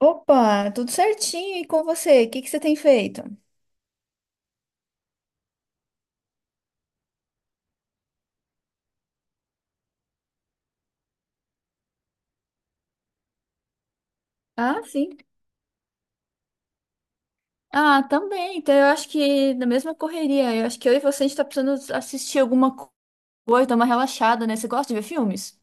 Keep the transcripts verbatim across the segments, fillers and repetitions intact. Opa, tudo certinho. E com você? O que que você tem feito? Ah, sim. Ah, também. Então, eu acho que na mesma correria, eu acho que eu e você a gente tá precisando assistir alguma co- coisa, dar uma relaxada, né? Você gosta de ver filmes?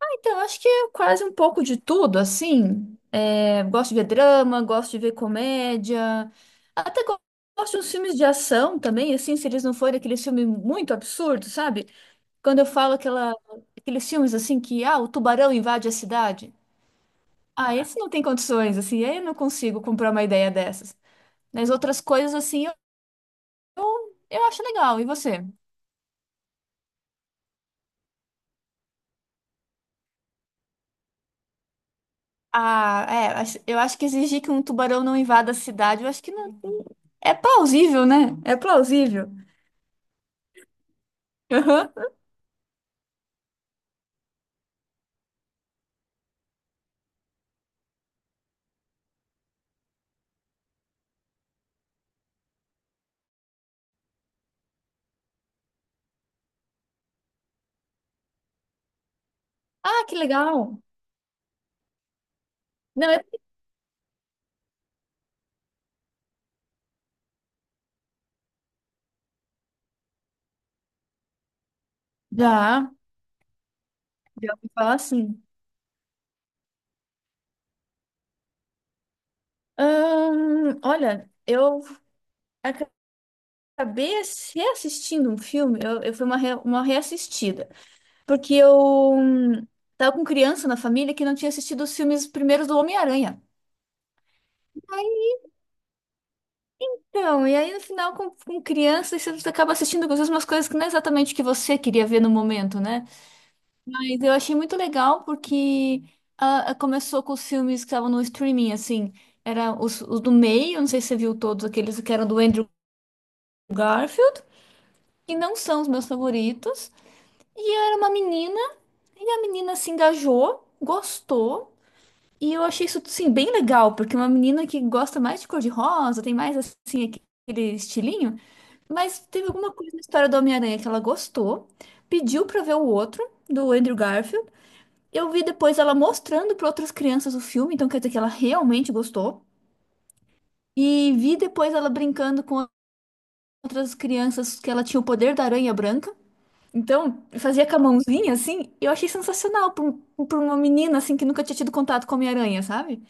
Ah, Então, eu acho que é quase um pouco de tudo, assim. É, gosto de ver drama, gosto de ver comédia, até go- gosto de uns filmes de ação também, assim, se eles não forem aqueles filmes muito absurdos, sabe? Quando eu falo aquela, Aqueles filmes assim que, ah, o tubarão invade a cidade. Ah, esse não tem condições, assim, eu não consigo comprar uma ideia dessas. Mas outras coisas, assim, eu, eu, eu acho legal. E você? Ah, é, acho- eu acho que exigir que um tubarão não invada a cidade, eu acho que não. É plausível, né? É plausível. Aham. Ah, que legal. Não, é... Já, já ouvi falar assim. Ahn, olha, eu acabei ass- reassistindo um filme, eu, eu fui uma, re- uma reassistida. Porque eu hum, tava com criança na família que não tinha assistido os filmes primeiros do Homem-Aranha. Então, e aí no final, com, com criança, você acaba assistindo às vezes umas coisas que não é exatamente o que você queria ver no momento, né? Mas eu achei muito legal porque ah, ah, começou com os filmes que estavam no streaming, assim. Era os, os do meio, não sei se você viu todos aqueles que eram do Andrew Garfield, que não são os meus favoritos. E era uma menina, e a menina se engajou, gostou. E eu achei isso, sim, bem legal, porque uma menina que gosta mais de cor-de-rosa, tem mais, assim, aquele estilinho, mas teve alguma coisa na história do Homem-Aranha que ela gostou, pediu pra ver o outro, do Andrew Garfield. Eu vi depois ela mostrando pra outras crianças o filme, então quer dizer que ela realmente gostou. E vi depois ela brincando com outras crianças que ela tinha o poder da aranha branca. Então, fazia com a mãozinha, assim, eu achei sensacional pra, um- pra uma menina, assim, que nunca tinha tido contato com a Homem-Aranha, sabe?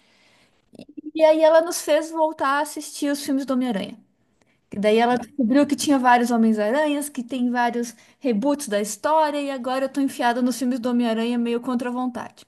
E aí ela nos fez voltar a assistir os filmes do Homem-Aranha. E daí ela descobriu que tinha vários Homens-Aranhas, que tem vários reboots da história, e agora eu tô enfiada nos filmes do Homem-Aranha meio contra a vontade.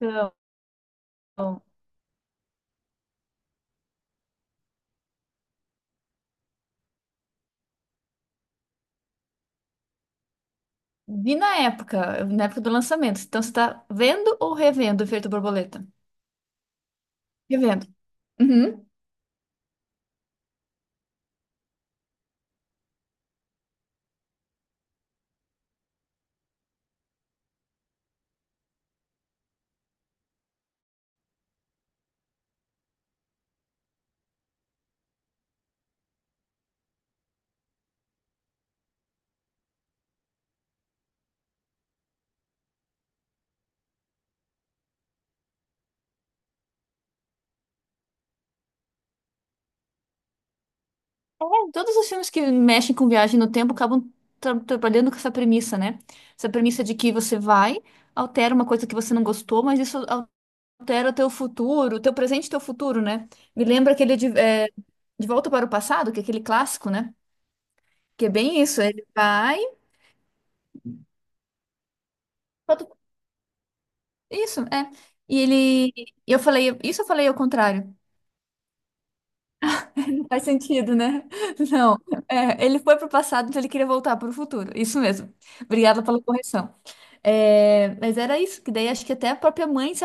Então, vi na época, na época do lançamento. Então, você tá vendo ou revendo o Efeito Borboleta? Revendo. Uhum. É, todos os filmes que mexem com viagem no tempo acabam tra- trabalhando com essa premissa, né? Essa premissa de que você vai, altera uma coisa que você não gostou, mas isso altera o teu futuro, o teu presente e o teu futuro, né? Me lembra aquele de, é, De Volta para o Passado, que é aquele clássico, né? Que é bem isso, ele vai. Isso, é. E ele. Eu falei, isso eu falei ao contrário. Não faz sentido, né? Não. É, ele foi para o passado, então ele queria voltar para o futuro. Isso mesmo. Obrigada pela correção. É, mas era isso, que daí acho que até a própria mãe se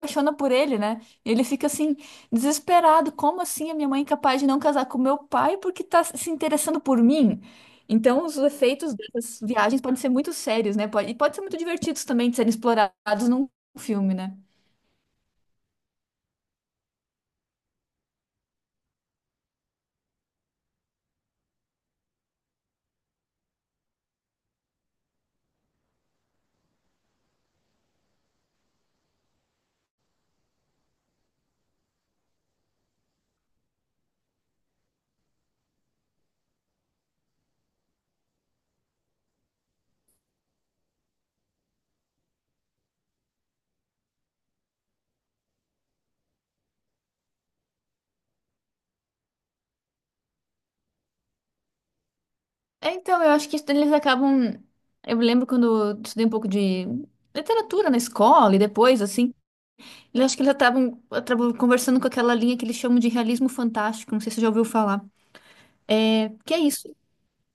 apaixona por ele, né? Ele fica assim, desesperado. Como assim a minha mãe é capaz de não casar com meu pai porque tá se interessando por mim? Então, os efeitos dessas viagens podem ser muito sérios, né? Pode, e pode ser muito divertidos também de serem explorados num filme, né? É, Então, eu acho que isso eles acabam. Eu lembro quando eu estudei um pouco de literatura na escola e depois, assim, eu acho que eles acabam, acabam conversando com aquela linha que eles chamam de realismo fantástico. Não sei se você já ouviu falar. É, que é isso.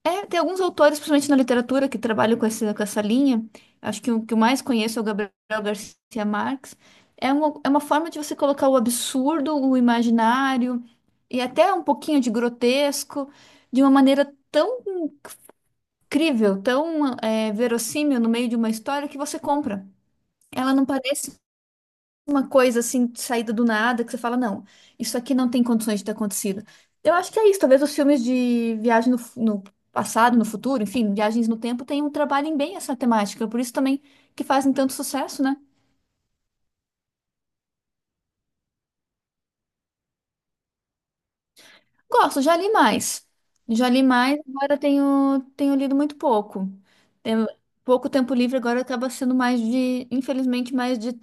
É, tem alguns autores, principalmente na literatura, que trabalham com essa, com essa linha. Acho que o que eu mais conheço é o Gabriel Garcia Marques. É uma, é uma forma de você colocar o absurdo, o imaginário e até um pouquinho de grotesco de uma maneira tão incrível, tão é, verossímil no meio de uma história que você compra. Ela não parece uma coisa assim, saída do nada, que você fala, não, isso aqui não tem condições de ter acontecido. Eu acho que é isso, talvez os filmes de viagem no, fu- no passado, no futuro, enfim, viagens no tempo, tenham, trabalhem bem essa temática, por isso também que fazem tanto sucesso, né? Gosto, já li mais. Já li mais, agora tenho, tenho lido muito pouco. Tenho pouco tempo livre, agora acaba sendo mais de, infelizmente, mais de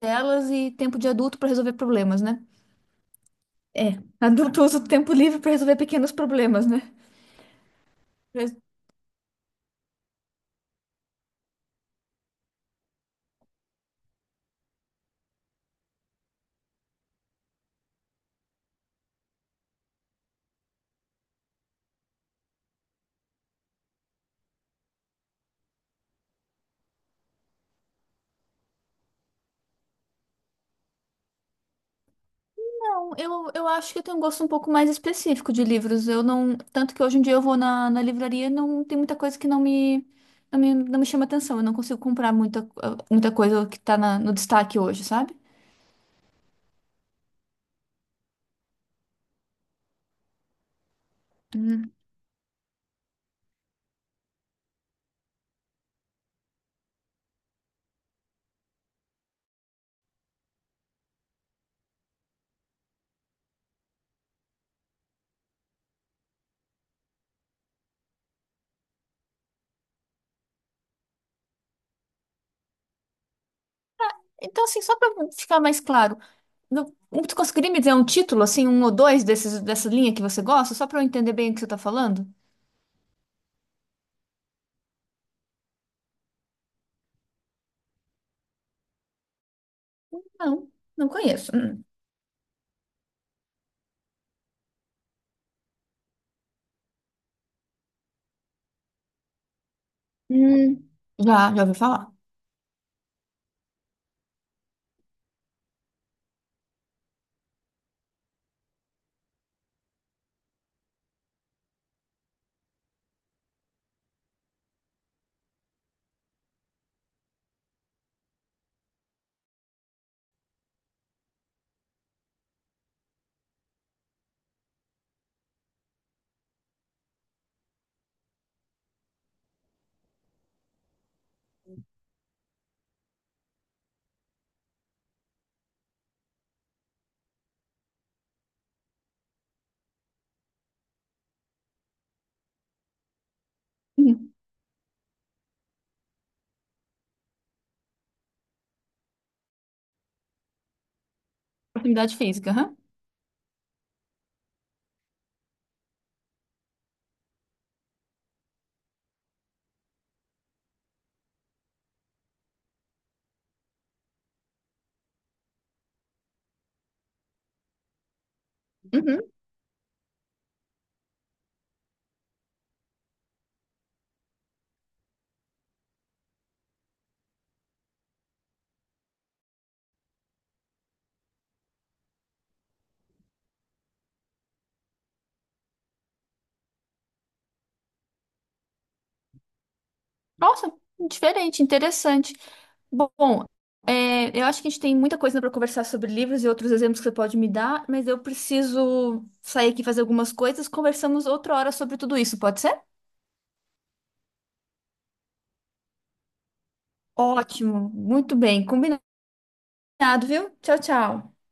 telas e tempo de adulto para resolver problemas, né? É, adulto usa o tempo livre para resolver pequenos problemas, né? Bom, Eu, eu acho que eu tenho um gosto um pouco mais específico de livros. Eu não, tanto que hoje em dia eu vou na, na livraria, e não tem muita coisa que não me, não me, não me chama atenção. Eu não consigo comprar muita, muita coisa que tá na- no destaque hoje, sabe? Hum. Então, assim, só para ficar mais claro, no- tu conseguiria me dizer um título, assim, um ou dois desses, dessa linha que você gosta, só para eu entender bem o que você tá falando? Não, não conheço. Hum. Hum, Já, já ouvi falar. Hum. Proximidade física, aham. Uhum. Nossa, diferente, interessante. Bom, é, eu acho que a gente tem muita coisa para conversar sobre livros e outros exemplos que você pode me dar, mas eu preciso sair aqui fazer algumas coisas. Conversamos outra hora sobre tudo isso, pode ser? Ótimo, muito bem, combinado, viu? Tchau, tchau.